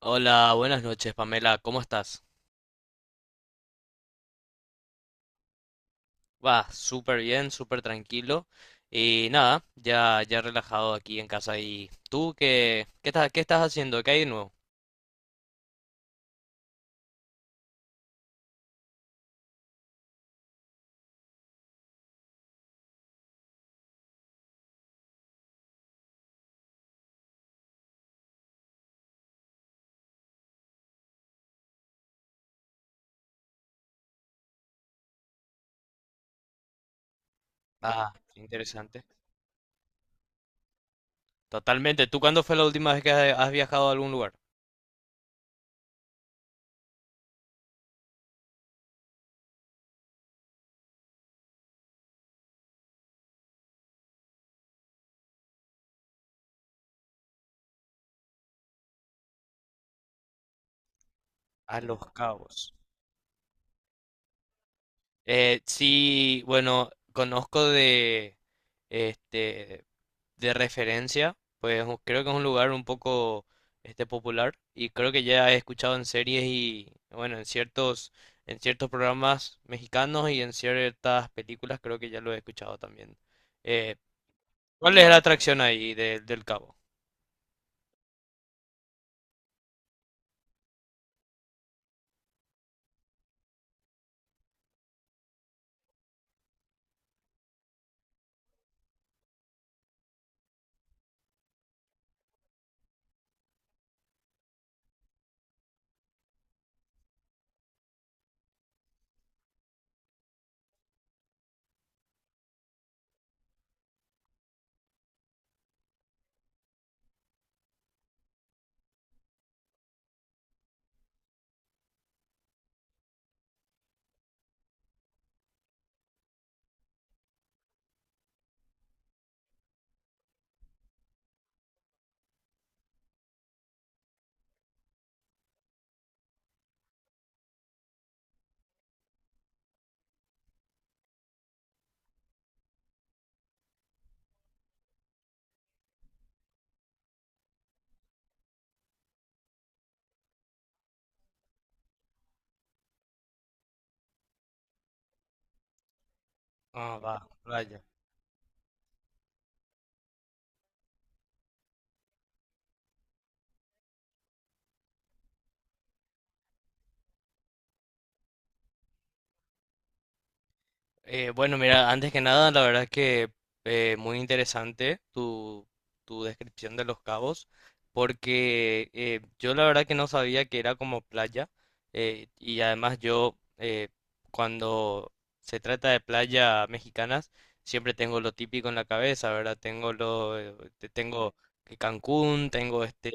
Hola, buenas noches, Pamela. ¿Cómo estás? Va, súper bien, súper tranquilo. Y nada, ya relajado aquí en casa. ¿Y tú qué, qué estás haciendo? ¿Qué hay de nuevo? Ah, qué interesante. Totalmente. ¿Tú cuándo fue la última vez que has viajado a algún lugar? A Los Cabos. Sí, bueno, conozco de, este, de referencia, pues creo que es un lugar un poco, popular y creo que ya he escuchado en series y, bueno, en ciertos programas mexicanos y en ciertas películas creo que ya lo he escuchado también. Eh, ¿Cuál es la atracción ahí del Cabo? Ah, va, vaya. Bueno, mira, antes que nada, la verdad que muy interesante tu, tu descripción de Los Cabos, porque yo la verdad que no sabía que era como playa, y además yo cuando se trata de playa mexicanas, siempre tengo lo típico en la cabeza, ¿verdad? Tengo lo, tengo que Cancún, tengo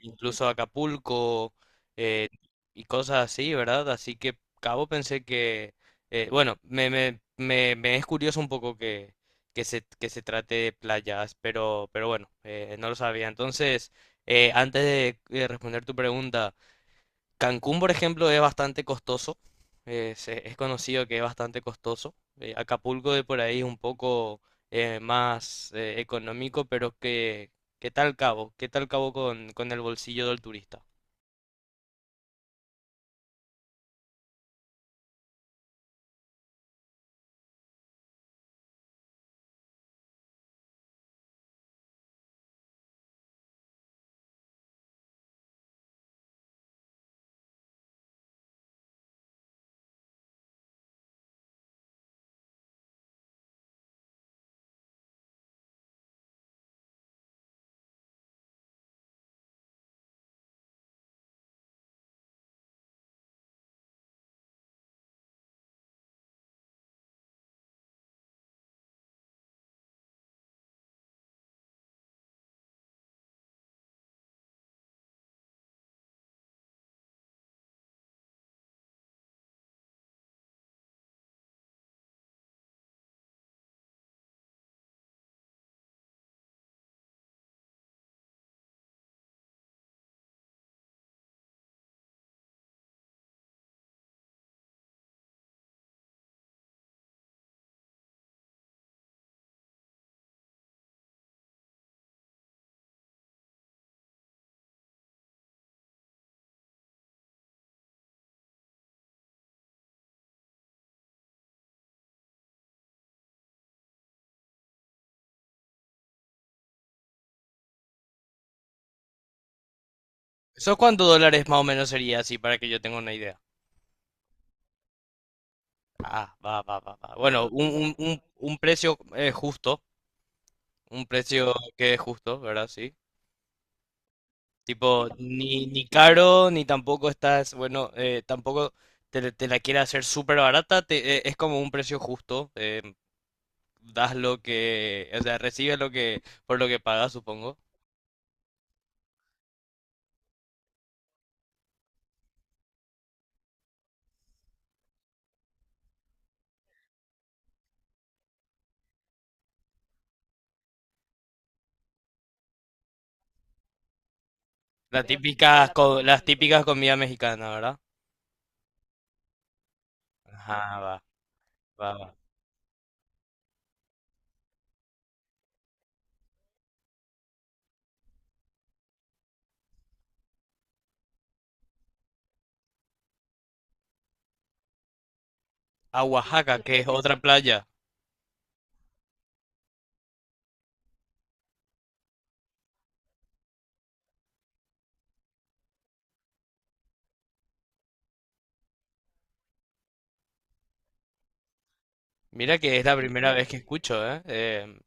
incluso Acapulco, eh, y cosas así, ¿verdad? Así que Cabo pensé que bueno, me es curioso un poco que, que se trate de playas, pero bueno, no lo sabía. Entonces, antes de, responder tu pregunta, Cancún, por ejemplo, es bastante costoso. Es conocido que es bastante costoso. Acapulco de por ahí es un poco más económico, pero que, ¿qué tal Cabo? ¿Qué tal Cabo con el bolsillo del turista? ¿Eso cuántos dólares más o menos sería así para que yo tenga una idea? Ah, va. Bueno, un precio justo, un precio que es justo, ¿verdad? Sí. Tipo, ni, ni caro, ni tampoco estás, bueno, tampoco te, te la quiere hacer súper barata, es como un precio justo, das lo que, o sea, recibes lo que, por lo que pagas, supongo. Las típicas, las típicas comidas mexicanas, ¿verdad? Ajá, va. A Oaxaca, que es otra playa. Mira que es la primera vez que escucho, ¿eh?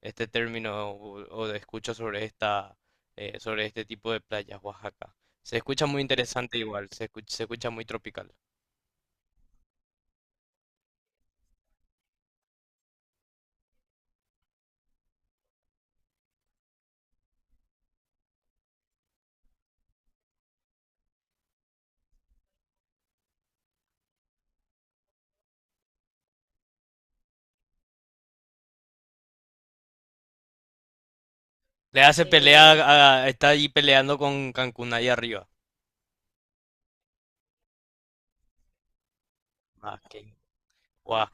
Este término o de escucho sobre esta, sobre este tipo de playas, Oaxaca. Se escucha muy interesante igual, se escucha muy tropical. Le hace Sí, pelea, Sí, está ahí peleando con Cancún ahí arriba. Ah, qué guau,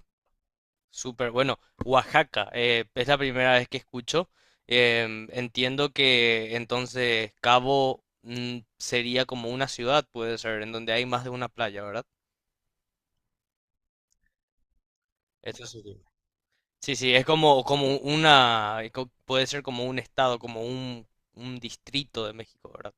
súper bueno. Oaxaca, es la primera vez que escucho. Em, entiendo que entonces Cabo mm, sería como una ciudad, puede ser, en donde hay más de una playa, ¿verdad? Eso sí. Sí, sí, es como, como una, puede ser como un estado, como un distrito de México, ¿verdad?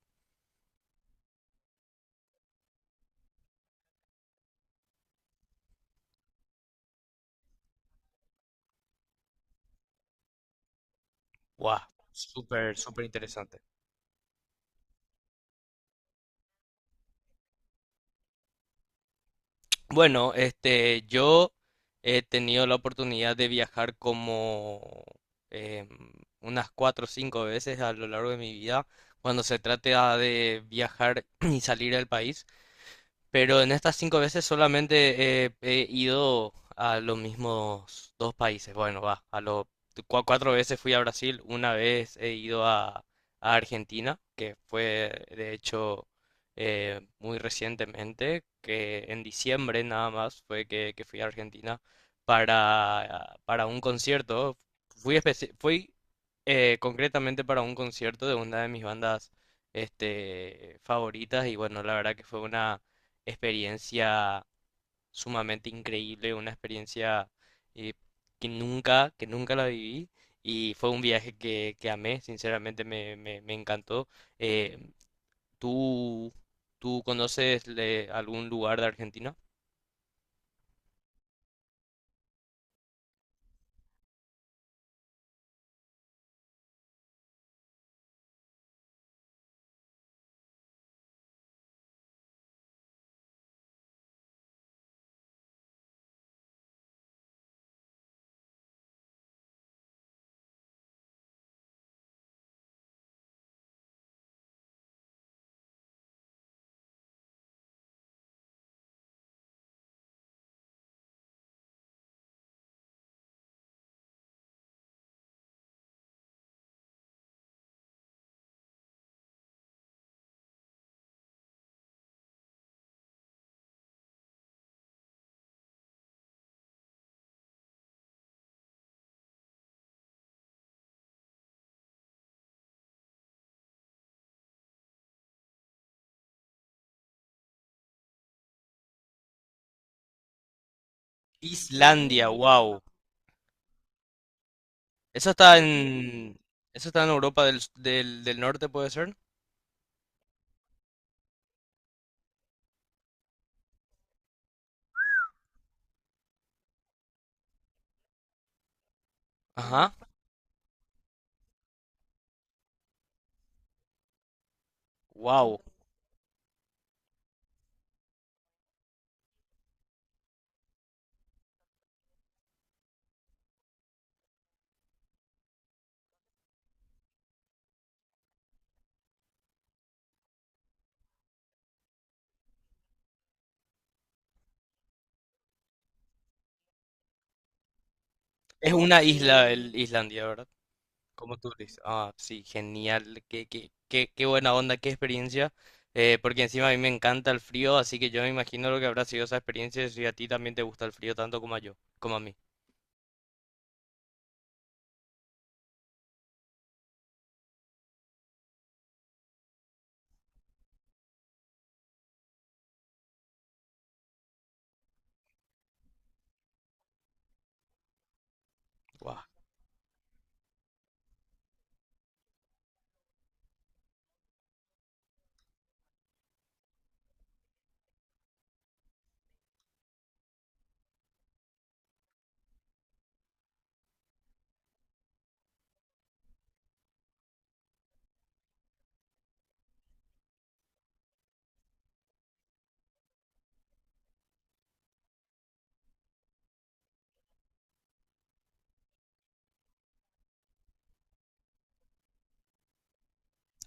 Guau, súper, súper interesante. Bueno, yo he tenido la oportunidad de viajar como em, unas cuatro o cinco veces a lo largo de mi vida, cuando se trata de viajar y salir del país. Pero en estas cinco veces solamente he ido a los mismos dos países. Bueno, va, a los cuatro veces fui a Brasil, una vez he ido a Argentina, que fue de hecho muy recientemente, que en diciembre nada más fue que fui a Argentina para un concierto. Fui, fui concretamente para un concierto de una de mis bandas favoritas y bueno, la verdad que fue una experiencia sumamente increíble, una experiencia eh, que nunca la viví y fue un viaje que amé, sinceramente me encantó. Eh, ¿Tú, tú conoces algún lugar de Argentina? Islandia, wow. Eso está en, eso está en Europa del, del Norte, ¿puede ser? Ajá, wow. Es una isla, el Islandia, ¿verdad? Como tú dices, ah, sí, genial, qué, qué, qué, qué buena onda, qué experiencia, porque encima a mí me encanta el frío, así que yo me imagino lo que habrá sido esa experiencia si a ti también te gusta el frío tanto como a yo, como a mí. Guau.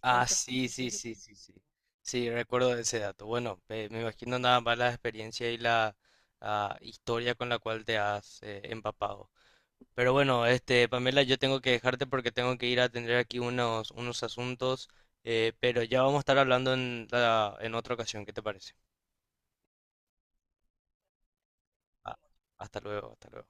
Ah, sí, sí, sí, sí, sí. Sí, recuerdo ese dato. Bueno, me imagino nada más la experiencia y la historia con la cual te has empapado. Pero bueno, Pamela, yo tengo que dejarte porque tengo que ir a atender aquí unos, unos asuntos, pero ya vamos a estar hablando en, en otra ocasión, ¿qué te parece? Ah, hasta luego, hasta luego.